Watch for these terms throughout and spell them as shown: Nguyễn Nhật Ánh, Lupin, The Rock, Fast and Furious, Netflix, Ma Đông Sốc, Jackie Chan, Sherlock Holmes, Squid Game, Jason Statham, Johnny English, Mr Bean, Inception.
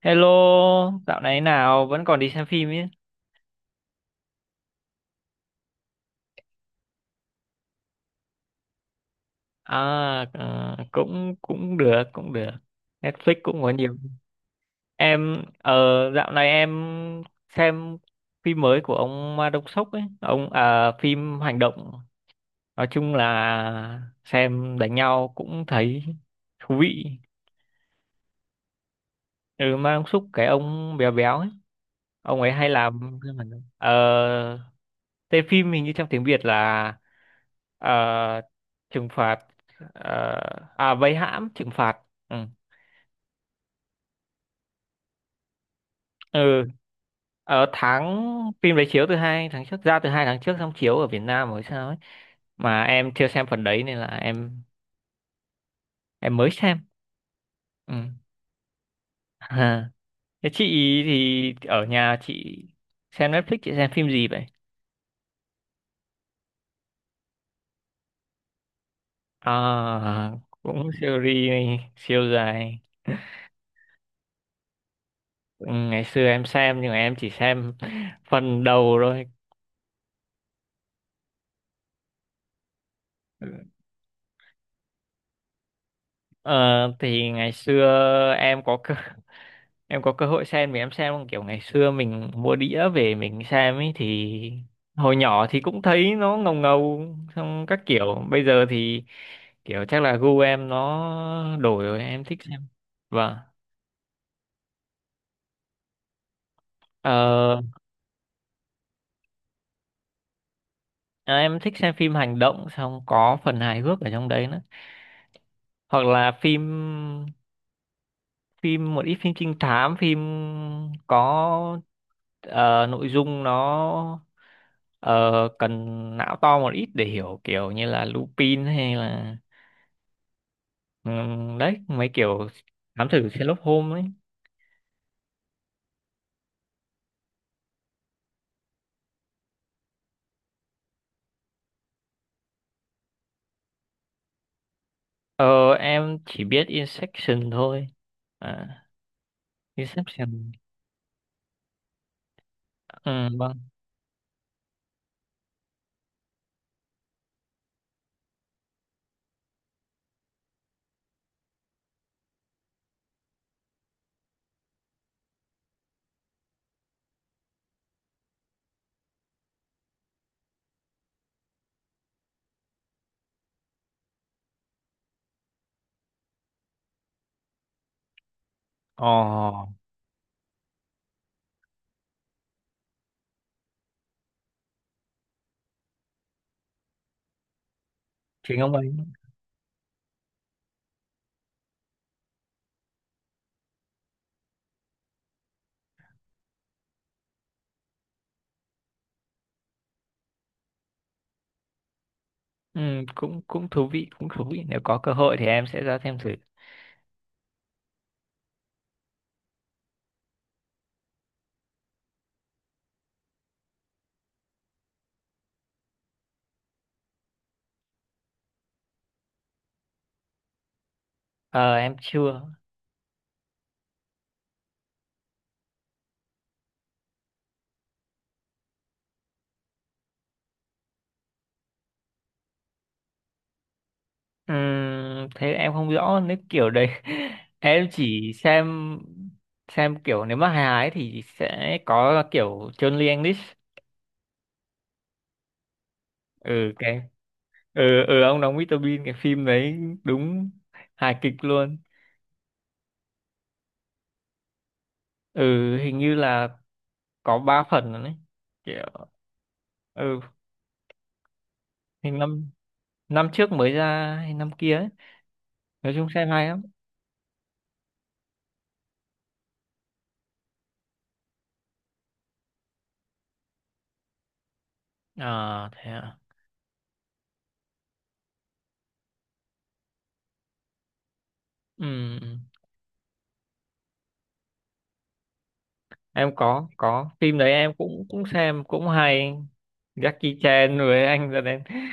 Hello, dạo này nào vẫn còn đi xem phim ấy. À, ờ, cũng cũng được, cũng được. Netflix cũng có nhiều. Em ờ dạo này em xem phim mới của ông Ma Đông Sốc ấy, ông à phim hành động. Nói chung là xem đánh nhau cũng thấy thú vị. Ừ, Ma Đông Sốc cái ông béo béo ấy, ông ấy hay làm phim hành động. Ờ, tên phim hình như trong tiếng Việt là, Ờ, trừng phạt, ờ, à, vây hãm trừng phạt, ừ. Ừ, ở tháng phim đấy chiếu từ 2 tháng trước, ra từ 2 tháng trước, xong chiếu ở Việt Nam rồi sao ấy, mà em chưa xem phần đấy nên là em mới xem. Ừ. Ha. Thế chị, thì ở nhà chị xem Netflix, chị xem phim gì vậy? À, cũng series siêu dài. Ừ, ngày xưa em xem nhưng mà em chỉ xem phần đầu thôi. Ờ, thì ngày xưa em có cơ, em có cơ hội xem, thì em xem kiểu ngày xưa mình mua đĩa về mình xem ấy, thì hồi nhỏ thì cũng thấy nó ngầu ngầu, xong các kiểu bây giờ thì kiểu chắc là gu em nó đổi rồi em thích xem. Vâng. ờ, À, em thích xem phim hành động xong có phần hài hước ở trong đấy nữa, hoặc là phim phim một ít phim trinh thám, phim có, nội dung nó, ờ, cần não to một ít để hiểu, kiểu như là Lupin hay là, đấy mấy kiểu thám tử Sherlock Holmes ấy. Ờ, em chỉ biết Inception thôi. À, Inception. Ừ, vâng. Ồ, chính ông ấy. Ừ, cũng cũng thú vị, cũng thú vị, nếu có cơ hội thì em sẽ ra xem thử. Ờ, em chưa. Thế em không rõ nếu kiểu đấy, em chỉ xem kiểu, nếu mà hài ấy thì sẽ có kiểu Johnny English. Ừ, cái. Ừ, ừ, ông đóng Mr Bean cái phim đấy, đúng hài kịch luôn. Ừ, hình như là có 3 phần rồi đấy kiểu. Ừ, 5 năm trước mới ra hay năm kia ấy, nói chung xem hay lắm. À, thế à. Ừ, em có phim đấy, em cũng cũng xem, cũng hay. Jackie Chan với anh ra đến.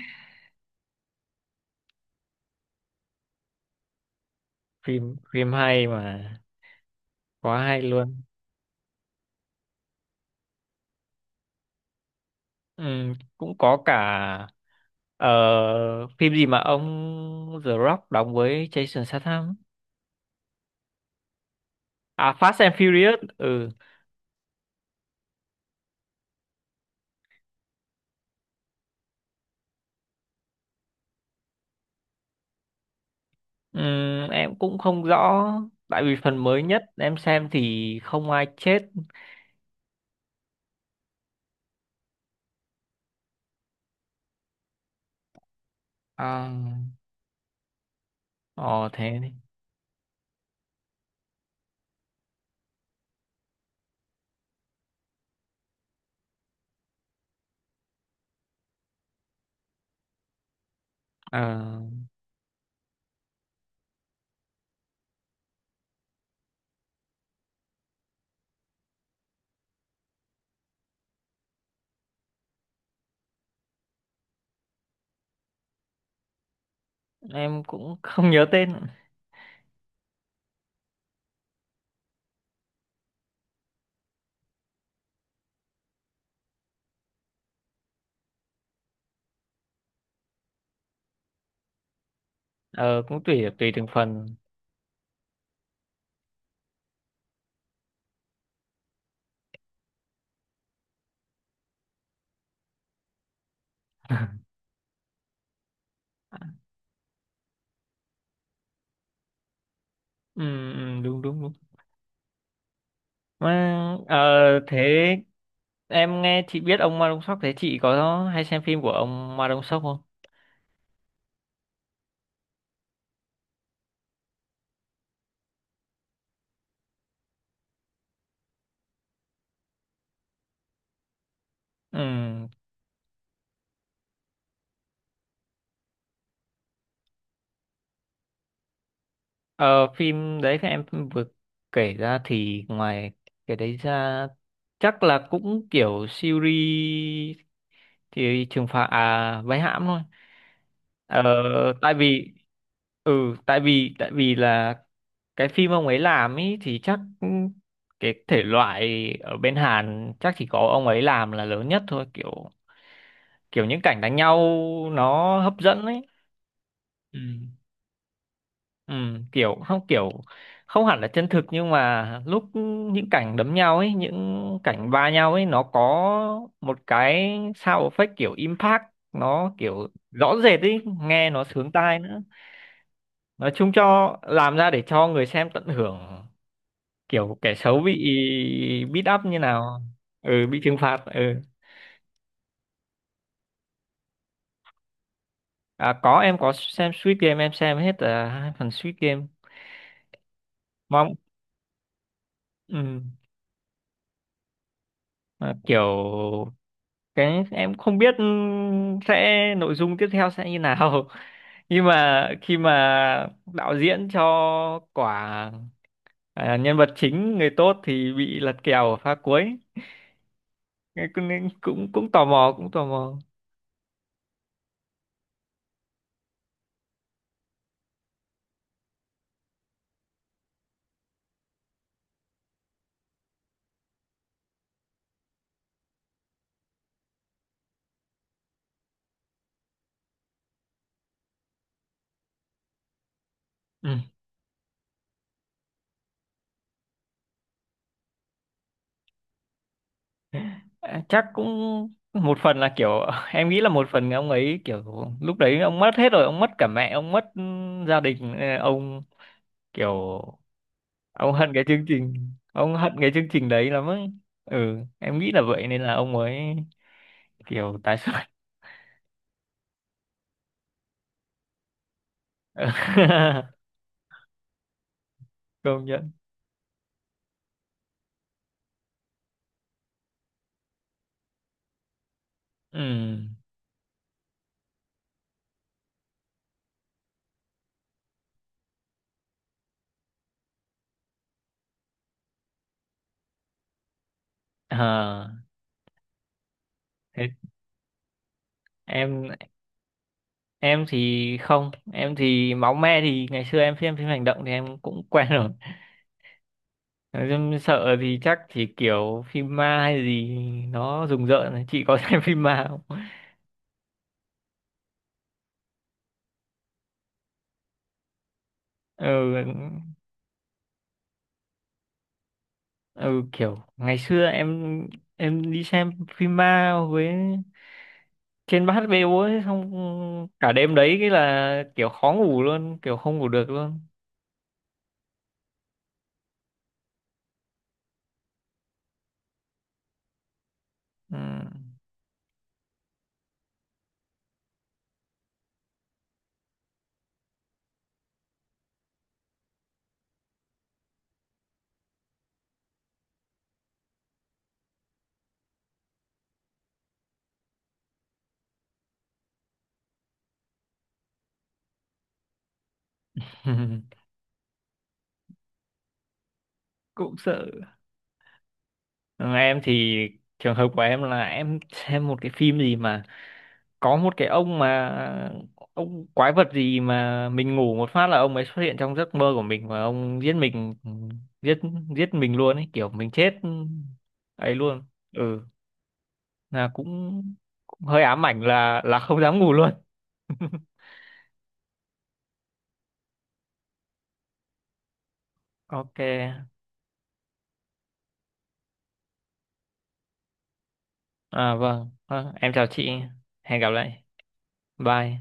phim phim hay mà, quá hay luôn. Ừ, cũng có cả, ờ, phim gì mà ông The Rock đóng với Jason Statham. À, Fast and Furious. Ừ. Em cũng không rõ tại vì phần mới nhất em xem thì không ai chết. À, ờ, thế đi. Ờ, em cũng không nhớ tên. Ờ, cũng tùy tùy từng phần. Ừ, ừ, đúng đúng đúng mà. ờ, Thế em nghe chị biết ông Ma Đông Sóc, thế chị có hay xem phim của ông Ma Đông Sóc không? Ừ. Ờ, phim đấy các em vừa kể ra, thì ngoài cái đấy ra chắc là cũng kiểu series, thì trừng phạt, à, vây hãm thôi. Ờ, tại vì, ừ, tại vì là cái phim ông ấy làm ý thì chắc cái thể loại ở bên Hàn chắc chỉ có ông ấy làm là lớn nhất thôi, kiểu kiểu những cảnh đánh nhau nó hấp dẫn ấy. Ừ. Ừ, kiểu không hẳn là chân thực, nhưng mà lúc những cảnh đấm nhau ấy, những cảnh va nhau ấy, nó có một cái sound effect kiểu impact, nó kiểu rõ rệt ấy, nghe nó sướng tai nữa. Nói chung cho làm ra để cho người xem tận hưởng kiểu kẻ xấu bị beat up như nào. Ừ, bị trừng phạt. Ừ. À, có, em có xem Squid Game, em xem hết, 2 phần Squid Game. Mong. Ừ, mà kiểu, cái em không biết, ừ, sẽ nội dung tiếp theo sẽ như nào, nhưng mà khi mà đạo diễn cho quả, à, nhân vật chính người tốt thì bị lật kèo ở pha cuối. Cái cũng, cũng tò mò, cũng tò mò. Ừ. À, chắc cũng một phần là kiểu, em nghĩ là một phần ông ấy kiểu lúc đấy ông mất hết rồi, ông mất cả mẹ, ông mất gia đình, ông kiểu, ông hận cái chương trình, ông hận cái chương trình đấy lắm ấy. Ừ, em nghĩ là vậy nên là ông mới kiểu tái xuất. Công nhận. Ừ. À, thế em em thì không, em thì máu me thì ngày xưa em xem phim hành động thì em cũng quen rồi, em sợ thì chắc chỉ kiểu phim ma hay gì nó rùng rợn thôi. Chị có xem phim ma không? Ừ, ừ, kiểu ngày xưa em đi xem phim ma với trên bát bêu ấy không, cả đêm đấy cái là kiểu khó ngủ luôn, kiểu không ngủ được luôn. Ừ. Cũng sợ. Ừ, em thì trường hợp của em là em xem một cái phim gì mà có một cái ông mà ông quái vật gì mà mình ngủ một phát là ông ấy xuất hiện trong giấc mơ của mình và ông giết mình. Ừ, giết giết mình luôn ấy, kiểu mình chết ấy luôn. Ừ, là cũng, cũng hơi ám ảnh, là không dám ngủ luôn. Ok. À vâng, em chào chị, hẹn gặp lại. Bye.